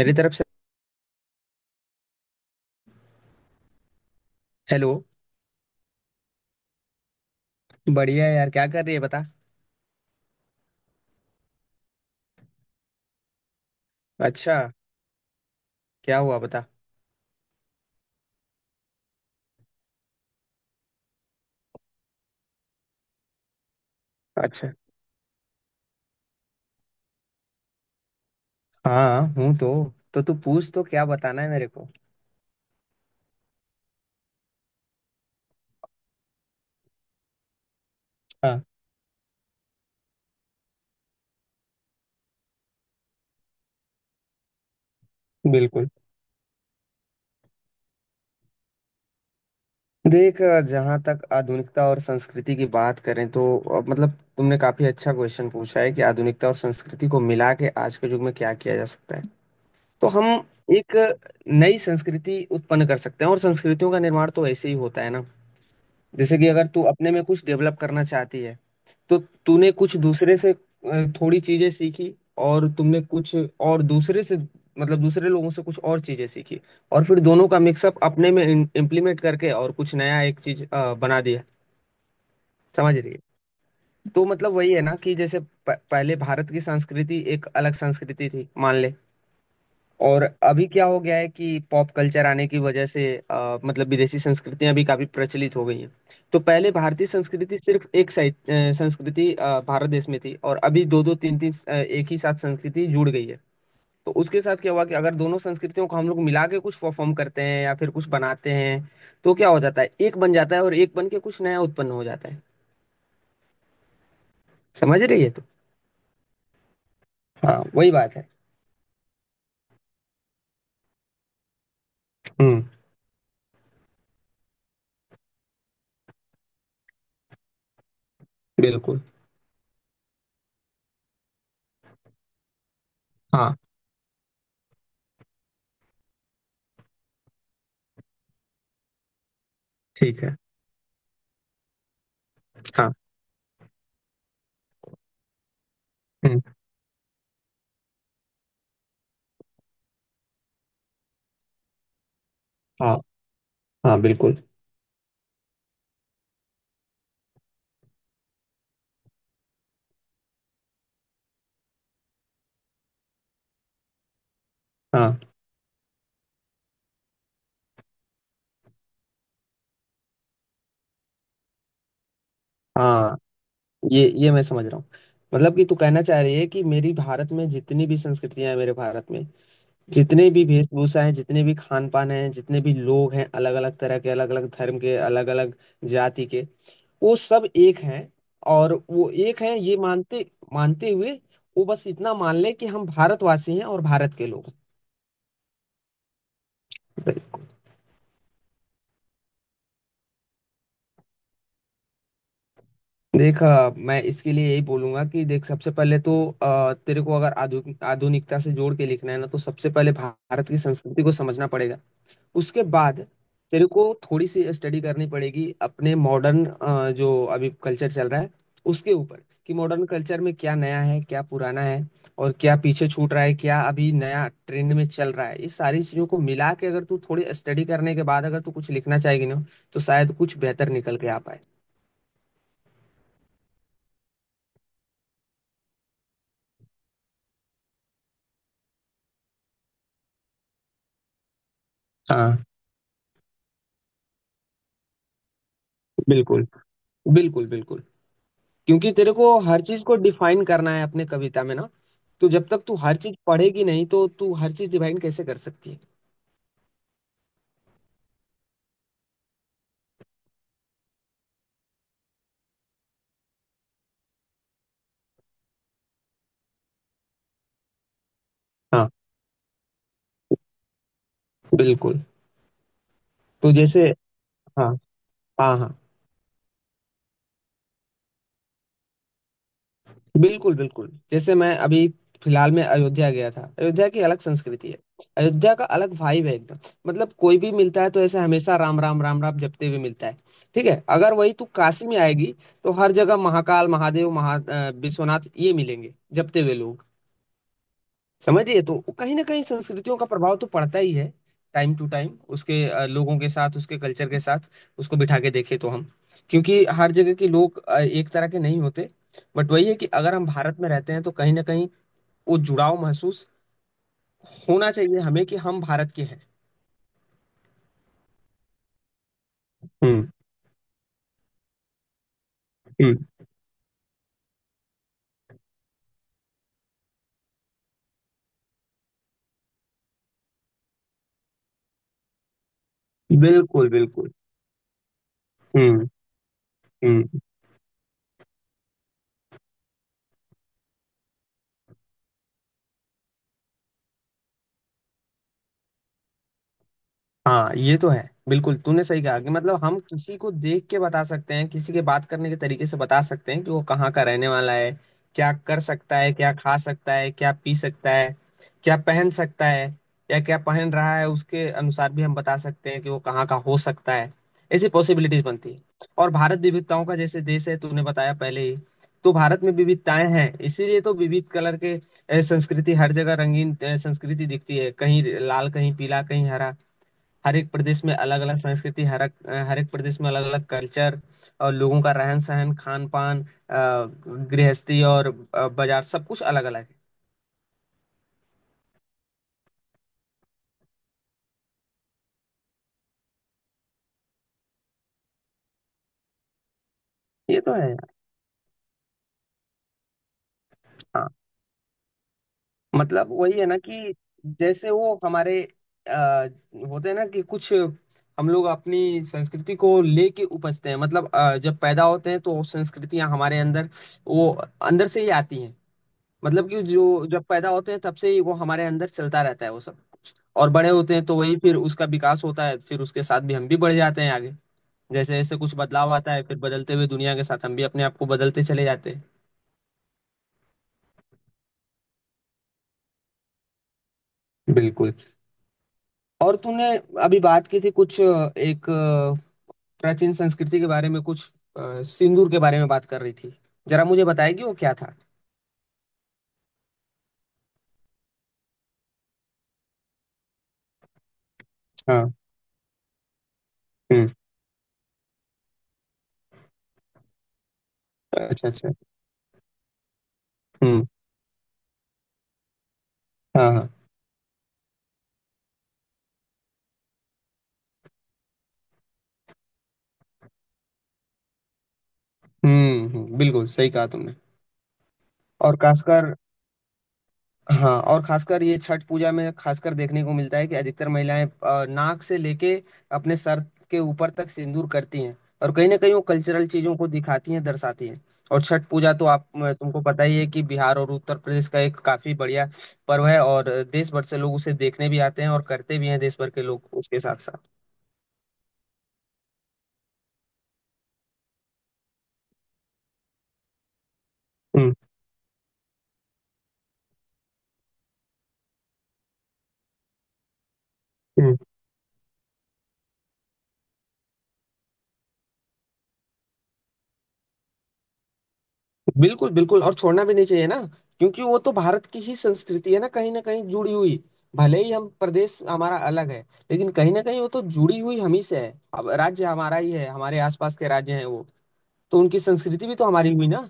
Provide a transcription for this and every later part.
मेरी तरफ से हेलो। बढ़िया है यार, क्या कर रही है बता। अच्छा, क्या हुआ बता। अच्छा। हाँ हूँ तो। तो तू पूछ तो, क्या बताना है मेरे को। हाँ बिल्कुल। देख, जहाँ तक आधुनिकता और संस्कृति की बात करें तो मतलब तुमने काफी अच्छा क्वेश्चन पूछा है कि आधुनिकता और संस्कृति को मिला के आज के युग में क्या किया जा सकता है। तो हम एक नई संस्कृति उत्पन्न कर सकते हैं, और संस्कृतियों का निर्माण तो ऐसे ही होता है ना। जैसे कि अगर तू अपने में कुछ डेवलप करना चाहती है, तो तूने कुछ दूसरे से थोड़ी चीजें सीखी, और तुमने कुछ और दूसरे से, मतलब दूसरे लोगों से कुछ और चीजें सीखी, और फिर दोनों का मिक्सअप अपने में इम्प्लीमेंट करके और कुछ नया एक चीज बना दिया। समझ रही है। तो मतलब वही है ना कि जैसे पहले भारत की संस्कृति एक अलग संस्कृति थी मान ले। और अभी क्या हो गया है कि पॉप कल्चर आने की वजह से मतलब विदेशी संस्कृतियां भी काफी प्रचलित हो गई हैं। तो पहले भारतीय संस्कृति सिर्फ एक साइड संस्कृति भारत देश में थी, और अभी दो दो तीन तीन एक ही साथ संस्कृति जुड़ गई है। तो उसके साथ क्या हुआ कि अगर दोनों संस्कृतियों को हम लोग मिला के कुछ परफॉर्म करते हैं या फिर कुछ बनाते हैं, तो क्या हो जाता है, एक बन जाता है, और एक बन के कुछ नया उत्पन्न हो जाता है। समझ रही है तो। हाँ वही बात है। हम्म। बिल्कुल। हाँ। ठीक है। हाँ। हम्म। हाँ हाँ बिल्कुल। हाँ। हाँ, ये मैं समझ रहा हूँ। मतलब कि तू कहना चाह रही है कि मेरी भारत में जितनी भी संस्कृतियां हैं, मेरे भारत में जितने भी वेशभूषा हैं, जितने भी खान पान हैं, जितने भी लोग हैं, अलग अलग तरह के, अलग अलग धर्म के, अलग अलग जाति के, वो सब एक हैं। और वो एक हैं ये मानते मानते हुए वो बस इतना मान ले कि हम भारतवासी हैं और भारत के लोग हैं। बिल्कुल। देख मैं इसके लिए यही बोलूंगा कि देख सबसे पहले तो तेरे को अगर आधुनिकता से जोड़ के लिखना है ना, तो सबसे पहले भारत की संस्कृति को समझना पड़ेगा। उसके बाद तेरे को थोड़ी सी स्टडी करनी पड़ेगी अपने मॉडर्न, जो अभी कल्चर चल रहा है उसके ऊपर, कि मॉडर्न कल्चर में क्या नया है, क्या पुराना है, और क्या पीछे छूट रहा है, क्या अभी नया ट्रेंड में चल रहा है। ये सारी चीजों को मिला के अगर तू थोड़ी स्टडी करने के बाद अगर तू कुछ लिखना चाहेगी ना, तो शायद कुछ बेहतर निकल के आ पाए। हाँ। बिल्कुल। बिल्कुल। क्योंकि तेरे को हर चीज को डिफाइन करना है अपने कविता में ना। तो जब तक तू हर चीज पढ़ेगी नहीं, तो तू हर चीज डिफाइन कैसे कर सकती है। हाँ। बिल्कुल। तो जैसे। हाँ। हाँ। हाँ बिल्कुल बिल्कुल जैसे मैं अभी फिलहाल में अयोध्या गया था। अयोध्या की अलग संस्कृति है, अयोध्या का अलग वाइब है एकदम। मतलब कोई भी मिलता है तो ऐसे हमेशा राम राम राम राम जपते हुए मिलता है। ठीक है, अगर वही तू काशी में आएगी तो हर जगह महाकाल महादेव महा विश्वनाथ ये मिलेंगे जपते हुए लोग। समझिए, तो कहीं ना कहीं संस्कृतियों का प्रभाव तो पड़ता ही है। टाइम टू टाइम उसके लोगों के साथ उसके कल्चर के साथ उसको बिठा के देखें तो हम, क्योंकि हर जगह के लोग एक तरह के नहीं होते। बट वही है कि अगर हम भारत में रहते हैं तो कहीं ना कहीं वो जुड़ाव महसूस होना चाहिए हमें कि हम भारत के हैं। हम्म। हम्म। बिल्कुल बिल्कुल हम्म। हम्म। हाँ ये तो है। बिल्कुल तूने सही कहा कि मतलब हम किसी को देख के बता सकते हैं, किसी के बात करने के तरीके से बता सकते हैं कि वो कहाँ का रहने वाला है, क्या कर सकता है, क्या खा सकता है, क्या पी सकता है, क्या पहन सकता है, या क्या पहन रहा है उसके अनुसार भी हम बता सकते हैं कि वो कहाँ का हो सकता है। ऐसी पॉसिबिलिटीज बनती है। और भारत विविधताओं का जैसे देश है, तूने बताया पहले ही। तो भारत में विविधताएं हैं, इसीलिए तो विविध कलर के संस्कृति हर जगह रंगीन संस्कृति दिखती है, कहीं लाल कहीं पीला कहीं हरा। हर एक प्रदेश में अलग अलग संस्कृति, हर एक प्रदेश में अलग अलग कल्चर और लोगों का रहन सहन, खान पान, गृहस्थी, और बाजार सब कुछ अलग अलग है। ये तो है यार। हाँ मतलब वही है ना कि जैसे वो हमारे आ, होते हैं ना, कि कुछ हम लोग अपनी संस्कृति को लेके उपजते हैं। मतलब जब पैदा होते हैं तो संस्कृतियां हमारे अंदर, वो अंदर से ही आती हैं। मतलब कि जो जब पैदा होते हैं, तब से ही वो हमारे अंदर चलता रहता है वो सब। और बड़े होते हैं तो वही फिर उसका विकास होता है, फिर उसके साथ भी हम भी बढ़ जाते हैं आगे। जैसे जैसे कुछ बदलाव आता है, फिर बदलते हुए दुनिया के साथ हम भी अपने आप को बदलते चले जाते हैं। बिल्कुल। और तूने अभी बात की थी कुछ एक प्राचीन संस्कृति के बारे में, कुछ सिंदूर के बारे में बात कर रही थी। जरा मुझे बताएगी वो क्या था। हाँ। हम्म। अच्छा अच्छा। हम्म। हाँ हाँ। हम्म। बिल्कुल सही कहा तुमने। और खासकर। हाँ, और खासकर ये छठ पूजा में खासकर देखने को मिलता है कि अधिकतर महिलाएं नाक से लेके अपने सर के ऊपर तक सिंदूर करती हैं, और कहीं ना कहीं वो कल्चरल चीजों को दिखाती हैं दर्शाती हैं। और छठ पूजा तो आप तुमको पता ही है कि बिहार और उत्तर प्रदेश का एक काफी बढ़िया पर्व है, और देश भर से लोग उसे देखने भी आते हैं, और करते भी हैं देश भर के लोग उसके साथ साथ। हम्म। हम्म। बिल्कुल बिल्कुल और छोड़ना भी नहीं चाहिए ना, क्योंकि वो तो भारत की ही संस्कृति है ना, कहीं ना कहीं जुड़ी हुई। भले ही हम प्रदेश हमारा अलग है, लेकिन कहीं ना कहीं वो तो जुड़ी हुई हम ही से है। अब राज्य हमारा ही है, हमारे आसपास के राज्य हैं वो, तो उनकी संस्कृति भी तो हमारी हुई ना।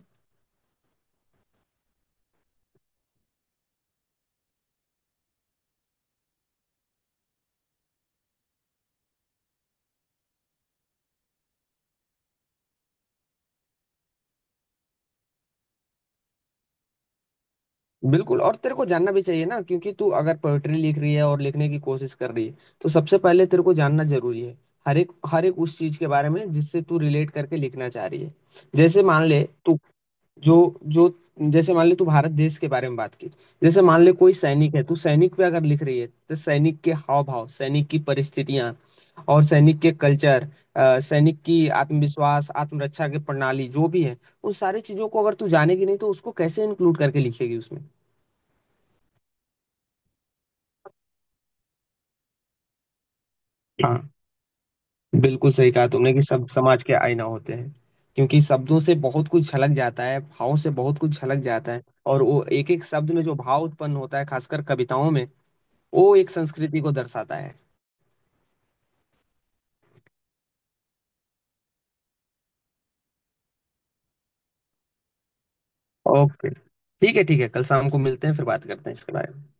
बिल्कुल, और तेरे को जानना भी चाहिए ना, क्योंकि तू अगर पोएट्री लिख रही है और लिखने की कोशिश कर रही है, तो सबसे पहले तेरे को जानना जरूरी है हर एक उस चीज के बारे में जिससे तू रिलेट करके लिखना चाह रही है। जैसे मान ले तू, जो जो, जैसे मान ले तू भारत देश के बारे में बात की, जैसे मान ले कोई सैनिक है, तू सैनिक पे अगर लिख रही है तो सैनिक के हाव भाव, सैनिक की परिस्थितियां, और सैनिक के कल्चर, सैनिक की आत्मविश्वास आत्मरक्षा की प्रणाली जो भी है, उन सारी चीजों को अगर तू जानेगी नहीं तो उसको कैसे इंक्लूड करके लिखेगी उसमें। हाँ, बिल्कुल सही कहा तुमने कि सब समाज के आईना होते हैं, क्योंकि शब्दों से बहुत कुछ झलक जाता है, भावों से बहुत कुछ झलक जाता है। और वो एक एक शब्द में जो भाव उत्पन्न होता है, खासकर कविताओं में, वो एक संस्कृति को दर्शाता है। ओके, ठीक है ठीक है, कल शाम को मिलते हैं, फिर बात करते हैं इसके बारे में।